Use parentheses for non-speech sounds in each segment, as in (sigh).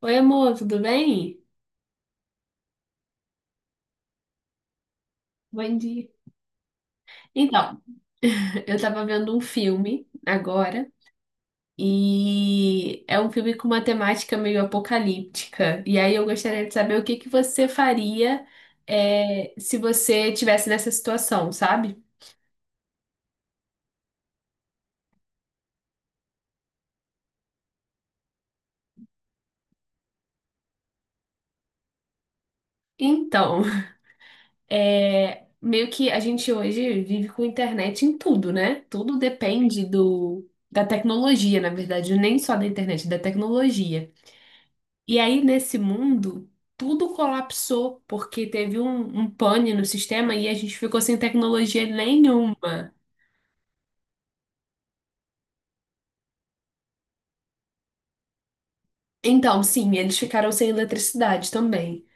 Oi, amor, tudo bem? Bom dia. Então, (laughs) eu tava vendo um filme agora e é um filme com uma temática meio apocalíptica. E aí eu gostaria de saber o que que você faria se você tivesse nessa situação, sabe? Então, (laughs) meio que a gente hoje vive com internet em tudo, né? Tudo depende da tecnologia, na verdade, nem só da internet, da tecnologia. E aí, nesse mundo, tudo colapsou porque teve um pane no sistema e a gente ficou sem tecnologia nenhuma. Então, sim, eles ficaram sem eletricidade também.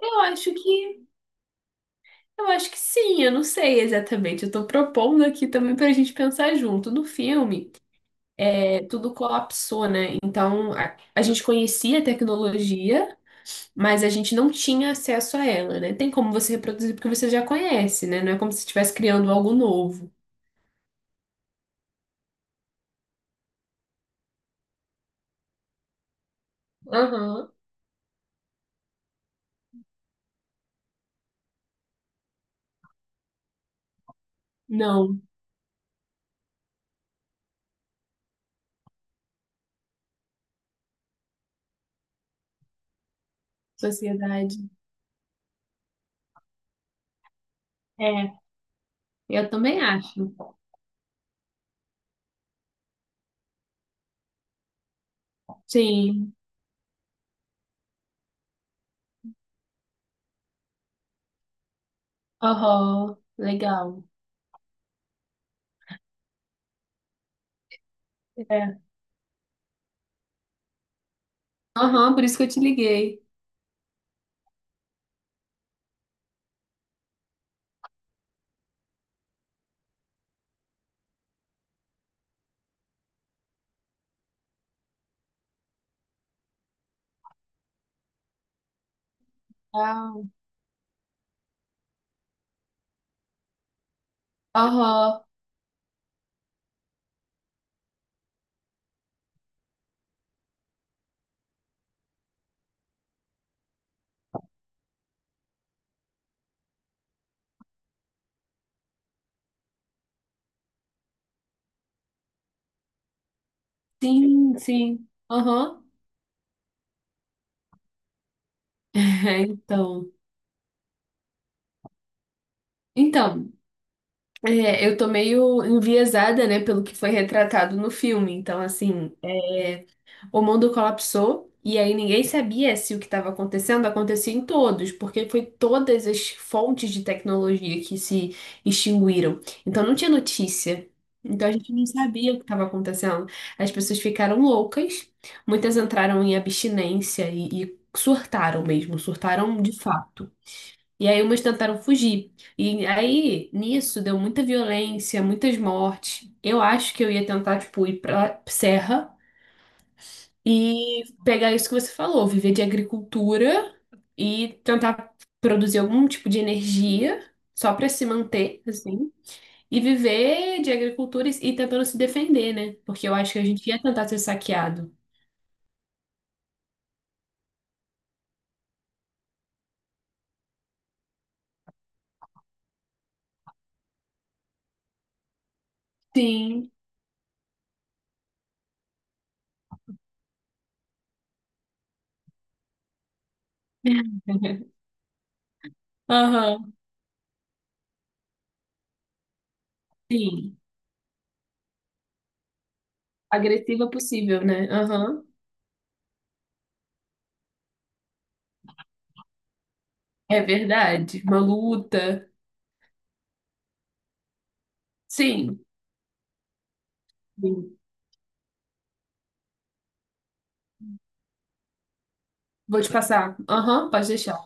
Eu acho que, eu acho que sim, eu não sei exatamente. Eu tô propondo aqui também pra gente pensar junto. No filme, tudo colapsou, né? Então, a gente conhecia a tecnologia, mas a gente não tinha acesso a ela, né? Tem como você reproduzir porque você já conhece, né? Não é como se estivesse criando algo novo. Aham. Não, sociedade. É, eu também acho. Sim. Aham, legal. É. Aham, por isso que eu te liguei. Ah. Aham, sim, sim. Aham. (laughs) É, então. Então, eu tô meio enviesada, né, pelo que foi retratado no filme. Então, assim, é, o mundo colapsou e aí ninguém sabia se o que estava acontecendo acontecia em todos, porque foi todas as fontes de tecnologia que se extinguiram. Então não tinha notícia. Então a gente não sabia o que estava acontecendo. As pessoas ficaram loucas, muitas entraram em abstinência e surtaram mesmo, surtaram de fato. E aí umas tentaram fugir. E aí, nisso, deu muita violência, muitas mortes. Eu acho que eu ia tentar, tipo, ir pra serra e pegar isso que você falou, viver de agricultura e tentar produzir algum tipo de energia só para se manter, assim, e viver de agricultura e tentando se defender, né? Porque eu acho que a gente ia tentar ser saqueado. Sim. (laughs) Aham, sim. Agressiva possível, né? Aham. É verdade. Uma luta. Sim. Sim. Vou te passar. Aham, pode deixar.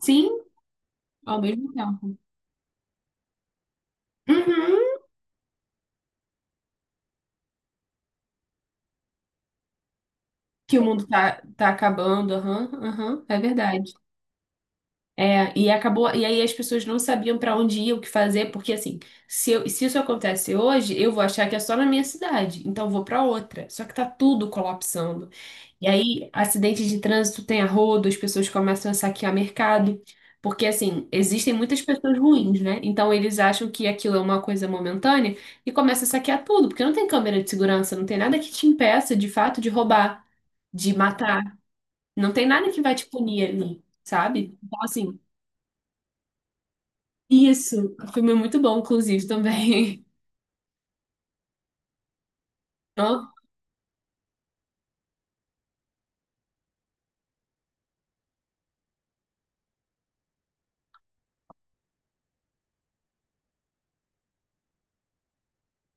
Sim, ao mesmo tempo. Uhum. Que o mundo tá, tá acabando, aham, aham, é verdade. É, e acabou, e aí as pessoas não sabiam pra onde ir, o que fazer, porque assim, se isso acontece hoje, eu vou achar que é só na minha cidade, então eu vou pra outra. Só que tá tudo colapsando. E aí, acidentes de trânsito tem a rodo, as pessoas começam a saquear mercado, porque assim, existem muitas pessoas ruins, né? Então eles acham que aquilo é uma coisa momentânea e começam a saquear tudo, porque não tem câmera de segurança, não tem nada que te impeça de fato de roubar, de matar. Não tem nada que vai te punir ali, sabe? Então, assim, isso. O filme é muito bom, inclusive, também. (laughs) Ó,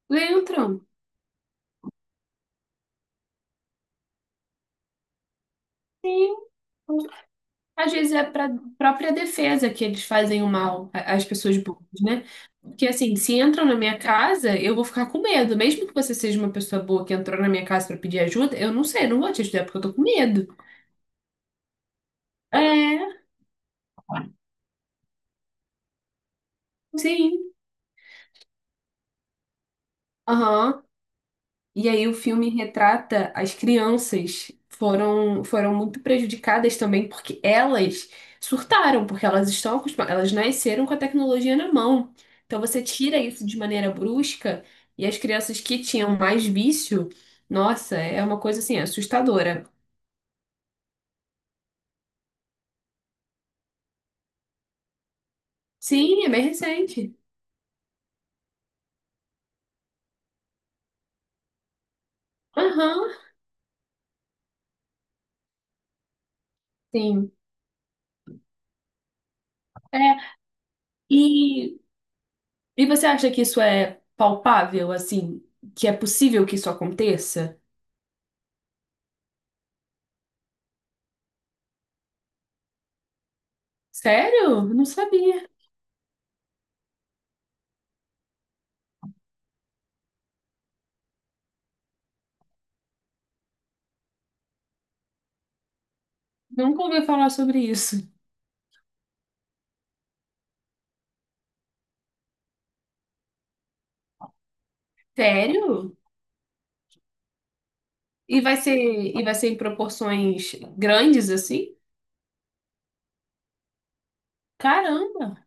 Leandro, sim. Às vezes é para própria defesa que eles fazem o às pessoas boas, né? Porque, assim, se entram na minha casa, eu vou ficar com medo. Mesmo que você seja uma pessoa boa que entrou na minha casa para pedir ajuda, eu não sei, não vou te ajudar porque eu tô com medo. É, sim. Aham. E aí o filme retrata as crianças foram muito prejudicadas também porque elas surtaram, porque elas estão acostumadas, elas nasceram com a tecnologia na mão. Então você tira isso de maneira brusca e as crianças que tinham mais vício, nossa, é uma coisa assim assustadora. Sim, é bem recente. Aham, sim. É, e e você acha que isso é palpável assim, que é possível que isso aconteça? Sério? Não sabia. Nunca ouvi falar sobre isso. Sério? E vai ser, e vai ser em proporções grandes assim? Caramba,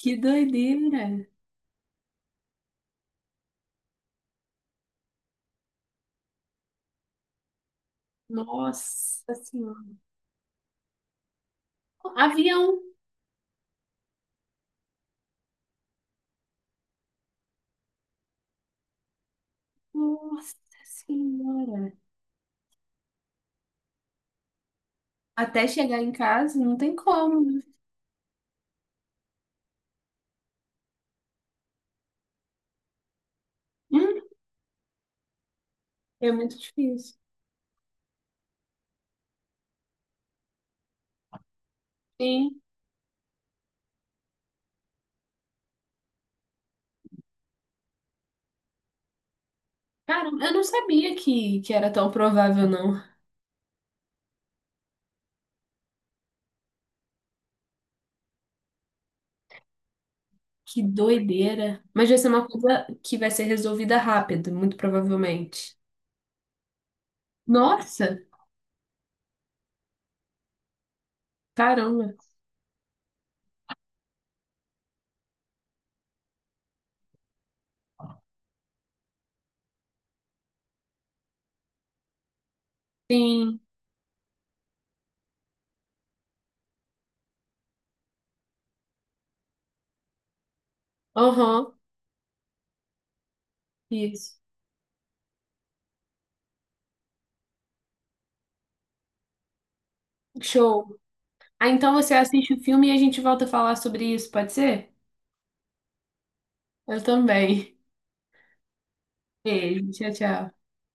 que doideira! Nossa Senhora. Avião. Nossa Senhora. Até chegar em casa, não tem como, né? Hum, é muito difícil. Sim. Caramba, eu não sabia que era tão provável, não. Que doideira. Mas vai ser uma coisa que vai ser resolvida rápido, muito provavelmente. Nossa, caramba. Sim. Aham. Isso. Show. Ah, então você assiste o filme e a gente volta a falar sobre isso, pode ser? Eu também. Beijo, tchau, tchau.